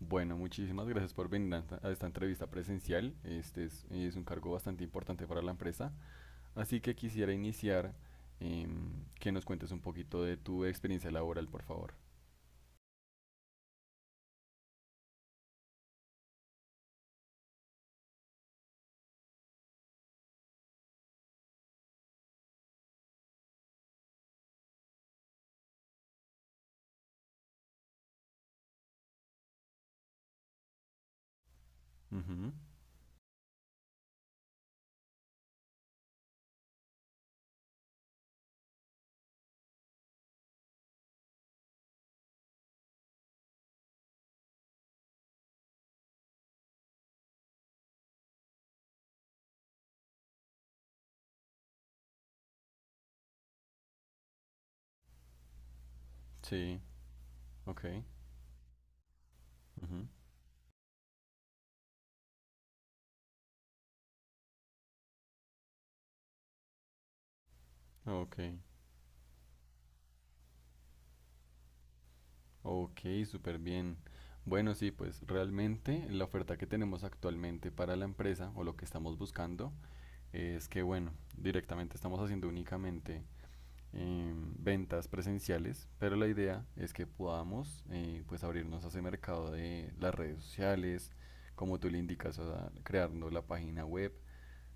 Bueno, muchísimas gracias por venir a esta entrevista presencial. Este es un cargo bastante importante para la empresa. Así que quisiera iniciar que nos cuentes un poquito de tu experiencia laboral, por favor. Ujú, sí, ok. Ujú, ok, ok, súper bien. Bueno, sí, pues realmente la oferta que tenemos actualmente para la empresa o lo que estamos buscando es que, bueno, directamente estamos haciendo únicamente eh, ventas presenciales, pero la idea es que podamos pues abrirnos a ese mercado de las redes sociales, como tú le indicas, o sea, creando la página web.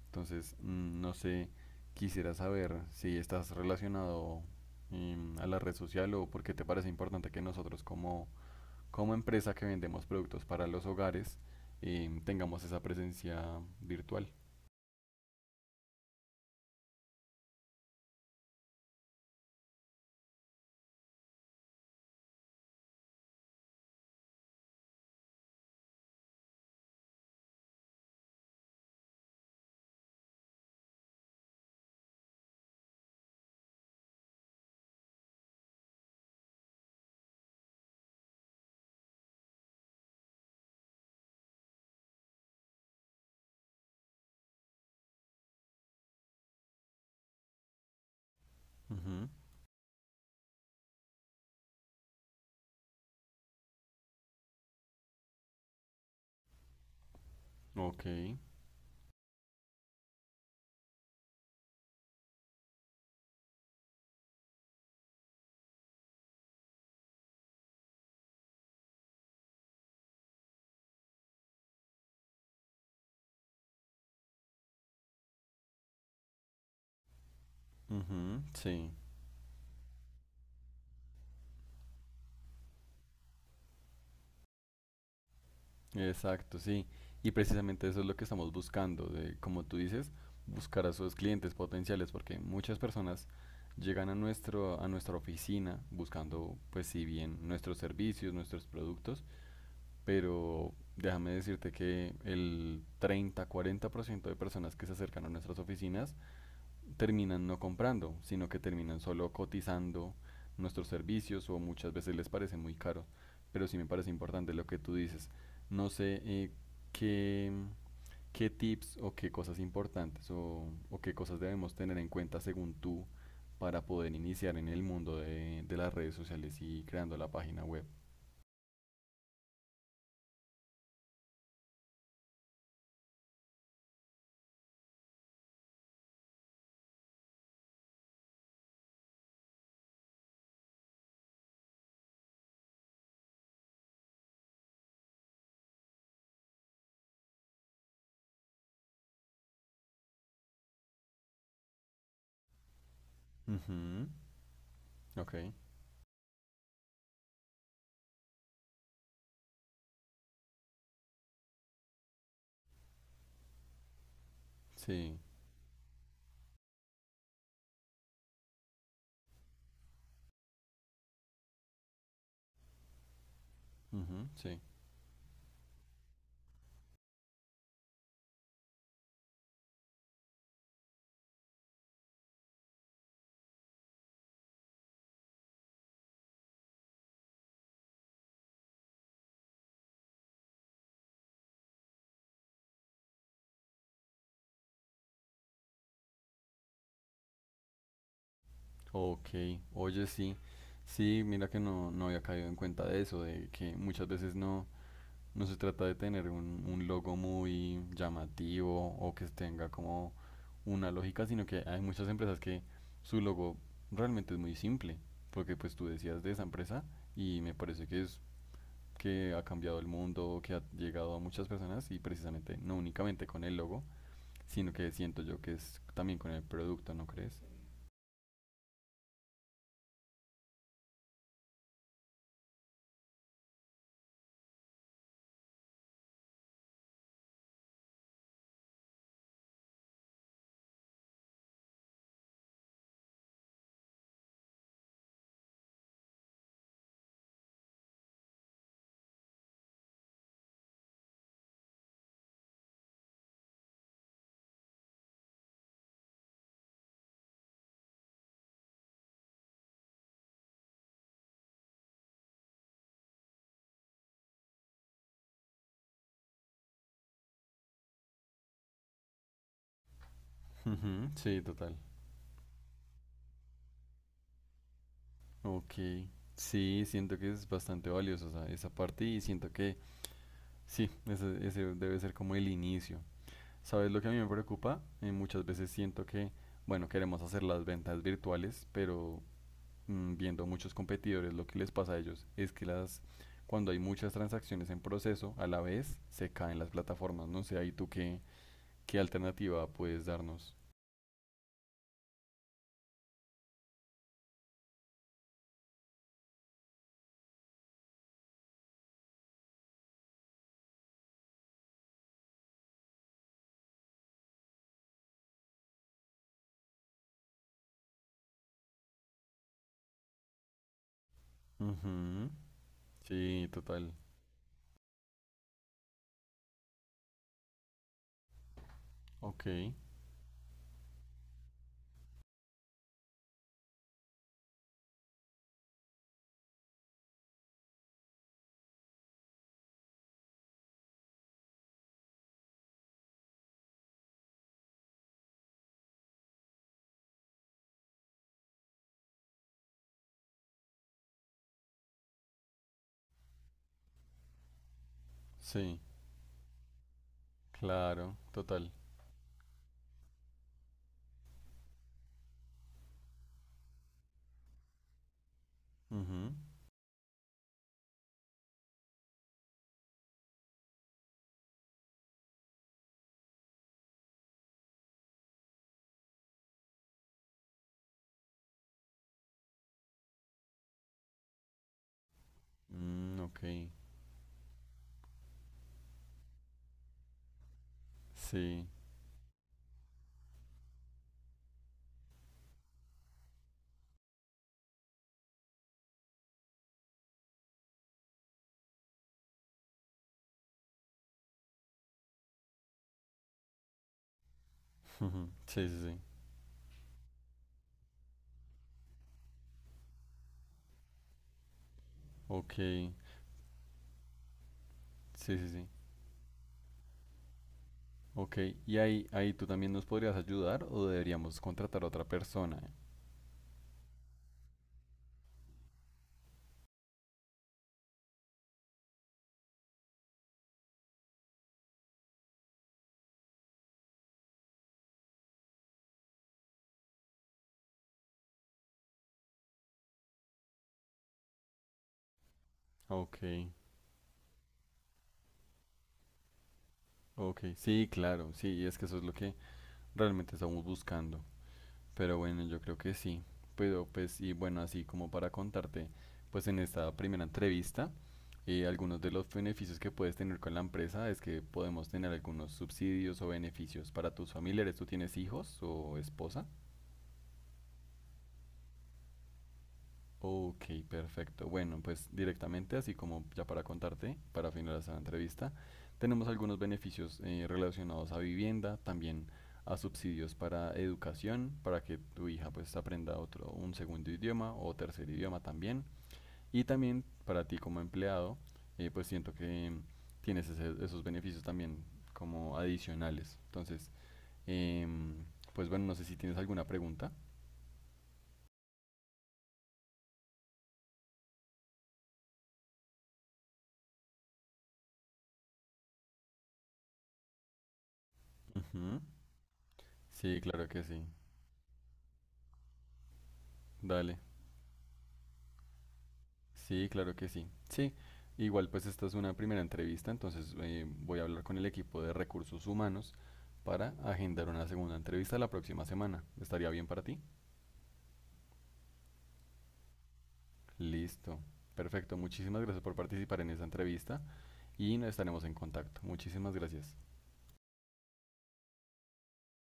Entonces, no sé, quisiera saber si estás relacionado a la red social, o por qué te parece importante que nosotros como empresa que vendemos productos para los hogares, tengamos esa presencia virtual. Ujú, ok, ujú, sí. Exacto, sí. Y precisamente eso es lo que estamos buscando, de, como tú dices, buscar a sus clientes potenciales, porque muchas personas llegan a nuestra oficina buscando, pues si bien nuestros servicios, nuestros productos, pero déjame decirte que el 30, 40 % de personas que se acercan a nuestras oficinas terminan no comprando, sino que terminan solo cotizando nuestros servicios, o muchas veces les parece muy caro. Pero sí me parece importante lo que tú dices. No sé, qué, qué tips o qué cosas importantes, o qué cosas debemos tener en cuenta según tú para poder iniciar en el mundo de las redes sociales y creando la página web. Ujú, ok, sí, ujú, sí. Ok, oye, sí. Sí, mira que no había caído en cuenta de eso, de que muchas veces no. No se trata de tener un logo muy llamativo o que tenga como una lógica, sino que hay muchas empresas que su logo realmente es muy simple, porque pues tú decías de esa empresa y me parece que es que ha cambiado el mundo, que ha llegado a muchas personas y precisamente no únicamente con el logo, sino que siento yo que es también con el producto, ¿no crees? Ujú, sí, total. Ok. Sí, siento que es bastante valioso, o sea, esa parte, y siento que sí, ese debe ser como el inicio. ¿Sabes lo que a mí me preocupa? Muchas veces siento que, bueno, queremos hacer las ventas virtuales, pero viendo muchos competidores, lo que les pasa a ellos es que las, cuando hay muchas transacciones en proceso, a la vez se caen las plataformas. No sé, ahí tú qué alternativa puedes darnos. Ujú, sí, total. Ok, sí, claro, total. Ujú, mm, ok, sí. Sí, sí, sí. Ok, sí, sí, sí. Ok, y ahí tú también nos podrías ayudar, o deberíamos contratar a otra persona. Ok, ok, sí, claro, sí, es que eso es lo que realmente estamos buscando. Pero bueno, yo creo que sí. Pero pues, y bueno, así como para contarte, pues en esta primera entrevista, algunos de los beneficios que puedes tener con la empresa es que podemos tener algunos subsidios o beneficios para tus familiares. ¿Tú tienes hijos o esposa? Ok, perfecto. Bueno, pues directamente, así como ya para contarte, para finalizar la entrevista, tenemos algunos beneficios relacionados a vivienda, también a subsidios para educación, para que tu hija pues aprenda un segundo idioma o tercer idioma también. Y también para ti como empleado, pues siento que tienes esos beneficios también como adicionales. Entonces, em, pues bueno, no sé si tienes alguna pregunta. Ujú. Sí, claro que sí. Dale. Sí, claro que sí. Sí, igual pues esta es una primera entrevista, entonces voy a hablar con el equipo de recursos humanos para agendar una segunda entrevista la próxima semana. ¿Estaría bien para ti? Listo. Perfecto. Muchísimas gracias por participar en esa entrevista y nos estaremos en contacto. Muchísimas gracias.